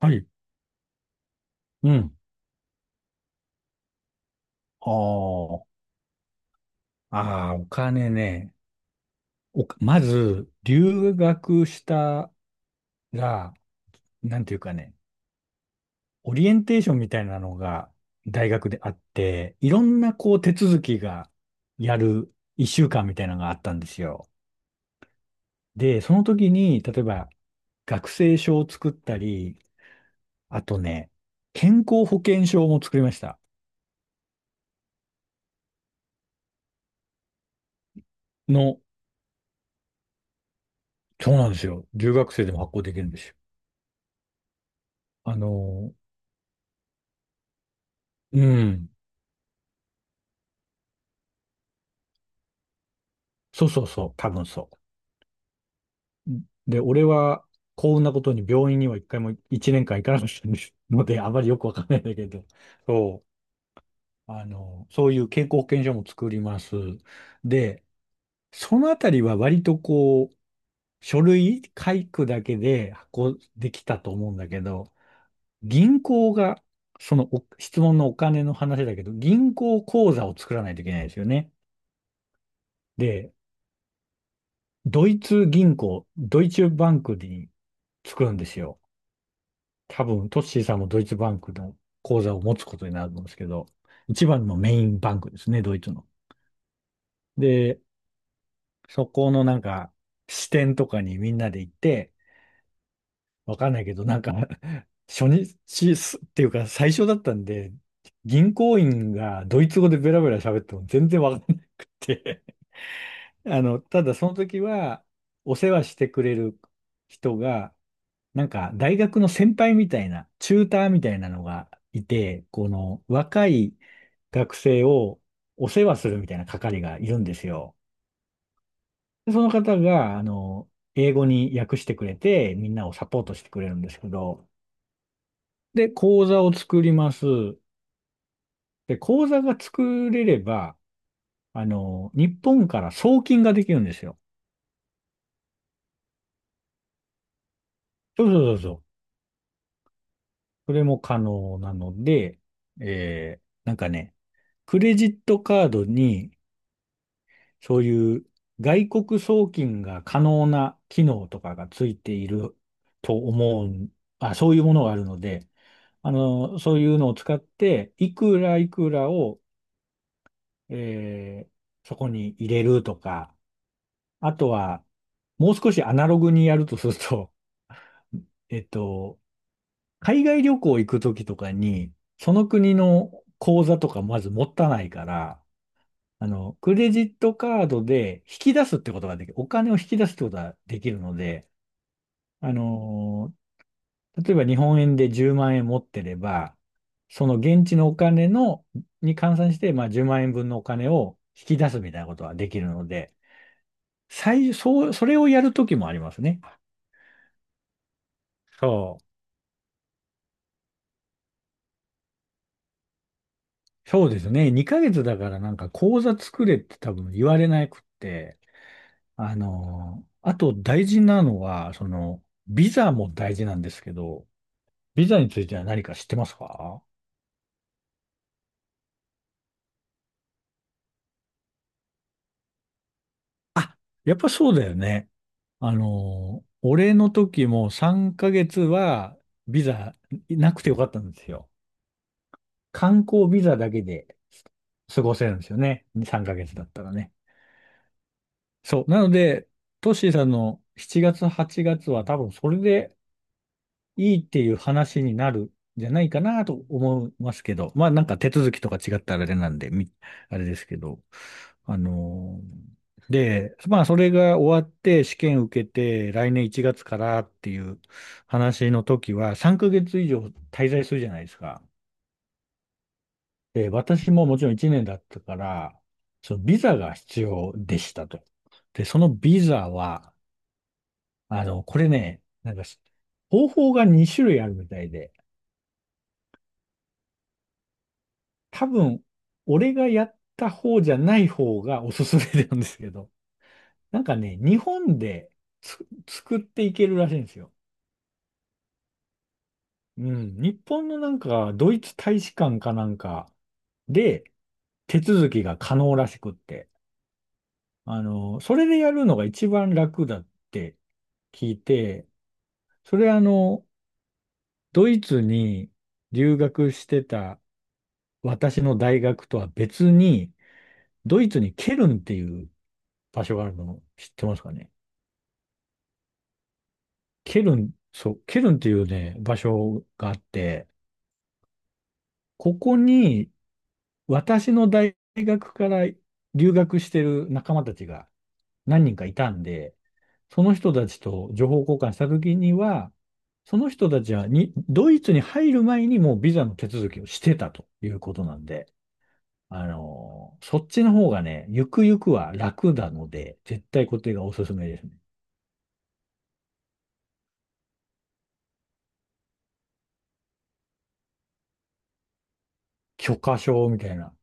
はい。うん。ああ。ああ、お金ね。まず、留学したら、なんていうかね、オリエンテーションみたいなのが大学であって、いろんなこう手続きがやる一週間みたいなのがあったんですよ。で、その時に、例えば学生証を作ったり、あとね、健康保険証も作りました。の、そうなんですよ。留学生でも発行できるんですよ。あの、うん。そうそうそう、多分そう。で、俺は幸運なことに病院には一回も一年間行かなかったんですので、あまりよくわかんないんだけど、そう、そういう健康保険証も作ります。で、そのあたりは割とこう、書類書くだけで発行できたと思うんだけど、銀行が、そのお質問のお金の話だけど、銀行口座を作らないといけないですよね。で、ドイツ銀行、ドイツバンクに作るんですよ。多分、トッシーさんもドイツバンクの口座を持つことになるんですけど、一番のメインバンクですね、ドイツの。で、そこのなんか、支店とかにみんなで行って、わかんないけど、なんか 初日すっていうか最初だったんで、銀行員がドイツ語でベラベラ喋っても全然わかんなくて ただその時は、お世話してくれる人が、なんか、大学の先輩みたいな、チューターみたいなのがいて、この若い学生をお世話するみたいな係がいるんですよ。で、その方が、英語に訳してくれて、みんなをサポートしてくれるんですけど、で、講座を作ります。で、講座が作れれば、日本から送金ができるんですよ。そうそうそうそう。それも可能なので、なんかね、クレジットカードに、そういう外国送金が可能な機能とかがついていると思うん、あ、そういうものがあるので、そういうのを使って、いくらいくらを、えーそこに入れるとか、あとは、もう少しアナログにやるとすると、えっと、海外旅行行くときとかに、その国の口座とかまず持たないから、クレジットカードで引き出すってことができる。お金を引き出すってことができるので、あの例えば日本円で10万円持ってれば、その現地のお金の、に換算して、まあ10万円分のお金を引き出すみたいなことができるので、そう、それをやるときもありますね。そう。そうですね。2ヶ月だからなんか口座作れって多分言われなくって、あと大事なのは、その、ビザも大事なんですけど、ビザについては何か知ってますか？あ、やっぱそうだよね。あの俺の時も3ヶ月はビザなくてよかったんですよ。観光ビザだけで過ごせるんですよね。3ヶ月だったらね。そう。なので、トッシーさんの7月、8月は多分それでいいっていう話になるんじゃないかなと思いますけど、まあなんか手続きとか違ったらあれなんで、あれですけど、あので、まあそれが終わって試験受けて来年1月からっていう話の時は3ヶ月以上滞在するじゃないですか。で、私ももちろん1年だったから、そのビザが必要でしたと。で、そのビザは、これね、なんか方法が2種類あるみたいで、多分、俺がやった方じゃない方がおすすめなんですけど。なんかね、日本でつ作っていけるらしいんですよ。うん。日本のなんか、ドイツ大使館かなんかで、手続きが可能らしくって。それでやるのが一番楽だって聞いて、それドイツに留学してた私の大学とは別に、ドイツにケルンっていう場所があるの知ってますかね？ケルン、そう、ケルンっていうね、場所があって、ここに私の大学から留学してる仲間たちが何人かいたんで、その人たちと情報交換した時には、その人たちはに、ドイツに入る前にもうビザの手続きをしてたということなんで、あのそっちの方がね、ゆくゆくは楽なので、絶対こっちがおすすめですね。許可証みたいな。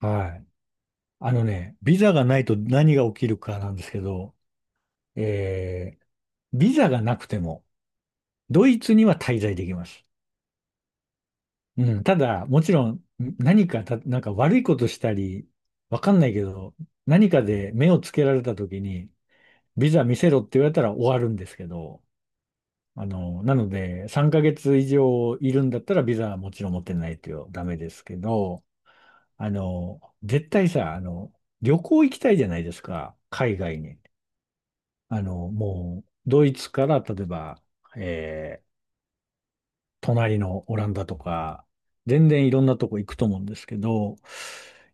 はい。あのね、ビザがないと何が起きるかなんですけど、えービザがなくても、ドイツには滞在できます。うん、ただ、もちろん、何かた、なんか悪いことしたり、わかんないけど、何かで目をつけられた時に、ビザ見せろって言われたら終わるんですけど、なので、3ヶ月以上いるんだったら、ビザはもちろん持ってないとダメですけど、絶対さ、旅行行きたいじゃないですか、海外に。もう、ドイツから、例えば、えー隣のオランダとか、全然いろんなとこ行くと思うんですけど、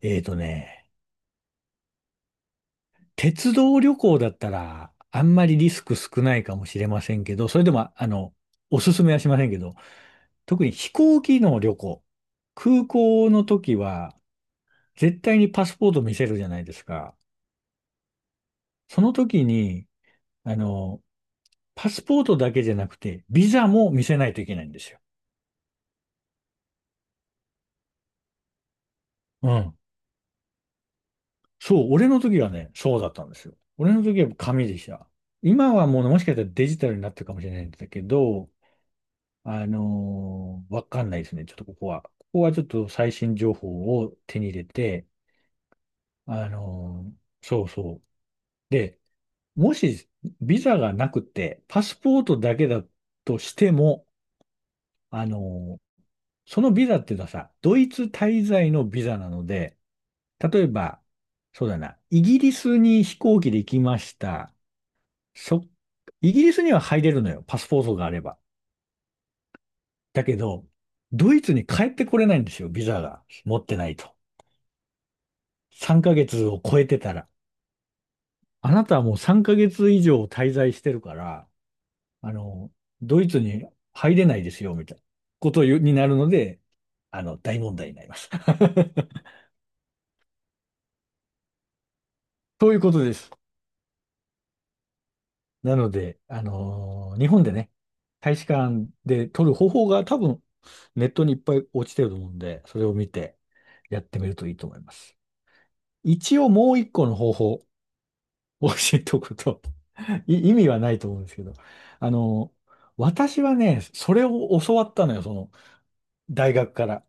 えーとね、鉄道旅行だったら、あんまりリスク少ないかもしれませんけど、それでも、おすすめはしませんけど、特に飛行機の旅行、空港の時は、絶対にパスポート見せるじゃないですか。その時に、あの、パスポートだけじゃなくて、ビザも見せないといけないんですよ。うん。そう、俺の時はね、そうだったんですよ。俺の時は紙でした。今はもうねもしかしたらデジタルになってるかもしれないんだけど、わかんないですね。ちょっとここは。ここはちょっと最新情報を手に入れて、あのーそうそう。で、もしビザがなくて、パスポートだけだとしても、あのーそのビザっていうのはさ、ドイツ滞在のビザなので、例えば、そうだな、イギリスに飛行機で行きました。そ、イギリスには入れるのよ、パスポートがあれば。だけど、ドイツに帰ってこれないんですよ、ビザが持ってないと。3ヶ月を超えてたら。あなたはもう3ヶ月以上滞在してるから、あの、ドイツに入れないですよ、みたいなことになるので、大問題になります。ということです。なので、日本でね、大使館で撮る方法が多分ネットにいっぱい落ちてると思うんで、それを見てやってみるといいと思います。一応もう一個の方法 を教えておくと、意味はないと思うんですけど、あのー私はね、それを教わったのよ、その大学から。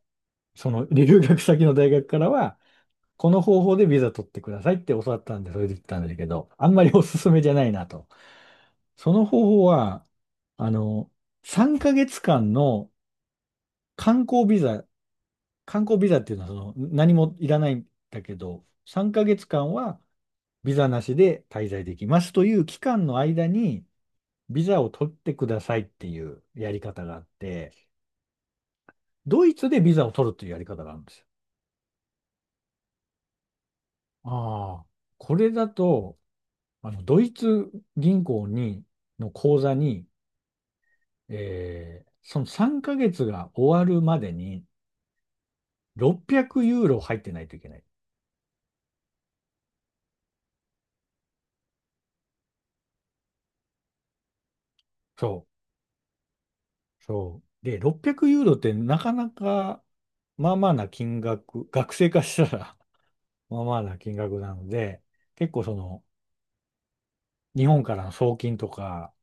その留学先の大学からは、この方法でビザ取ってくださいって教わったんで、それで行ったんだけど、あんまりおすすめじゃないなと。その方法は、あの、3ヶ月間の観光ビザ、観光ビザっていうのはその何もいらないんだけど、3ヶ月間はビザなしで滞在できますという期間の間にビザを取ってくださいっていうやり方があって、ドイツでビザを取るというやり方があるんですよ。ああ、これだとドイツ銀行に、の口座に、その3ヶ月が終わるまでに600ユーロ入ってないといけない。そう、そう。で、600ユーロってなかなか、まあまあな金額、学生化したら まあまあな金額なので、結構その、日本からの送金とか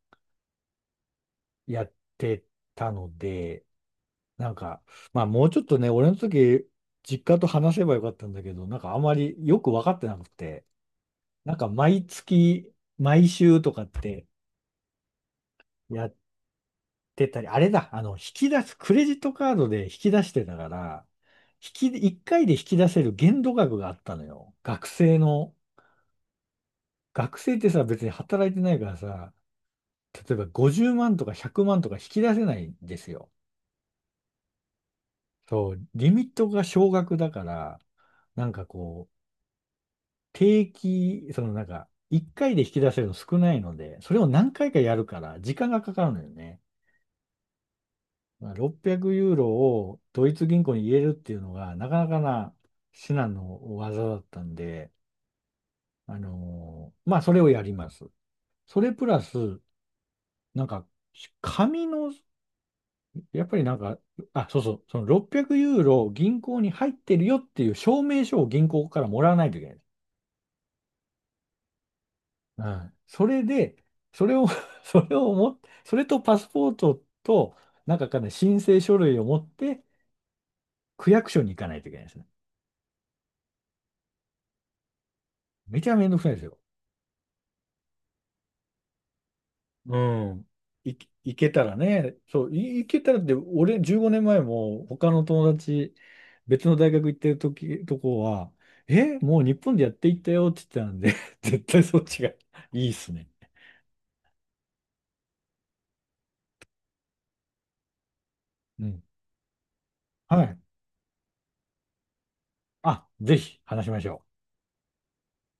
やってたので、なんか、まあもうちょっとね、俺の時、実家と話せばよかったんだけど、なんかあまりよく分かってなくて、なんか毎月、毎週とかってやってたり、あれだ、引き出す、クレジットカードで引き出してたから、1回で引き出せる限度額があったのよ。学生ってさ、別に働いてないからさ、例えば50万とか100万とか引き出せないんですよ。そう、リミットが少額だから、なんかこう、そのなんか、1回で引き出せるの少ないので、それを何回かやるから、時間がかかるのよね。まあ、600ユーロをドイツ銀行に入れるっていうのが、なかなかな至難の技だったんで、まあ、それをやります。それプラス、なんか、紙の、やっぱりなんか、あ、そうそう、その600ユーロ銀行に入ってるよっていう証明書を銀行からもらわないといけない。うん。それで、それを それとパスポートと、なんかかね、申請書類を持って、区役所に行かないといけないですね。めちゃめんどくさいですよ。うん。い、いけたらね。そう、いけたらって、俺、15年前も他の友達、別の大学行ってる時、とこは、え、もう日本でやっていったよって言ってたんで、絶対そっちがいいっすね。うん。はい。あ、ぜひ話しましょう。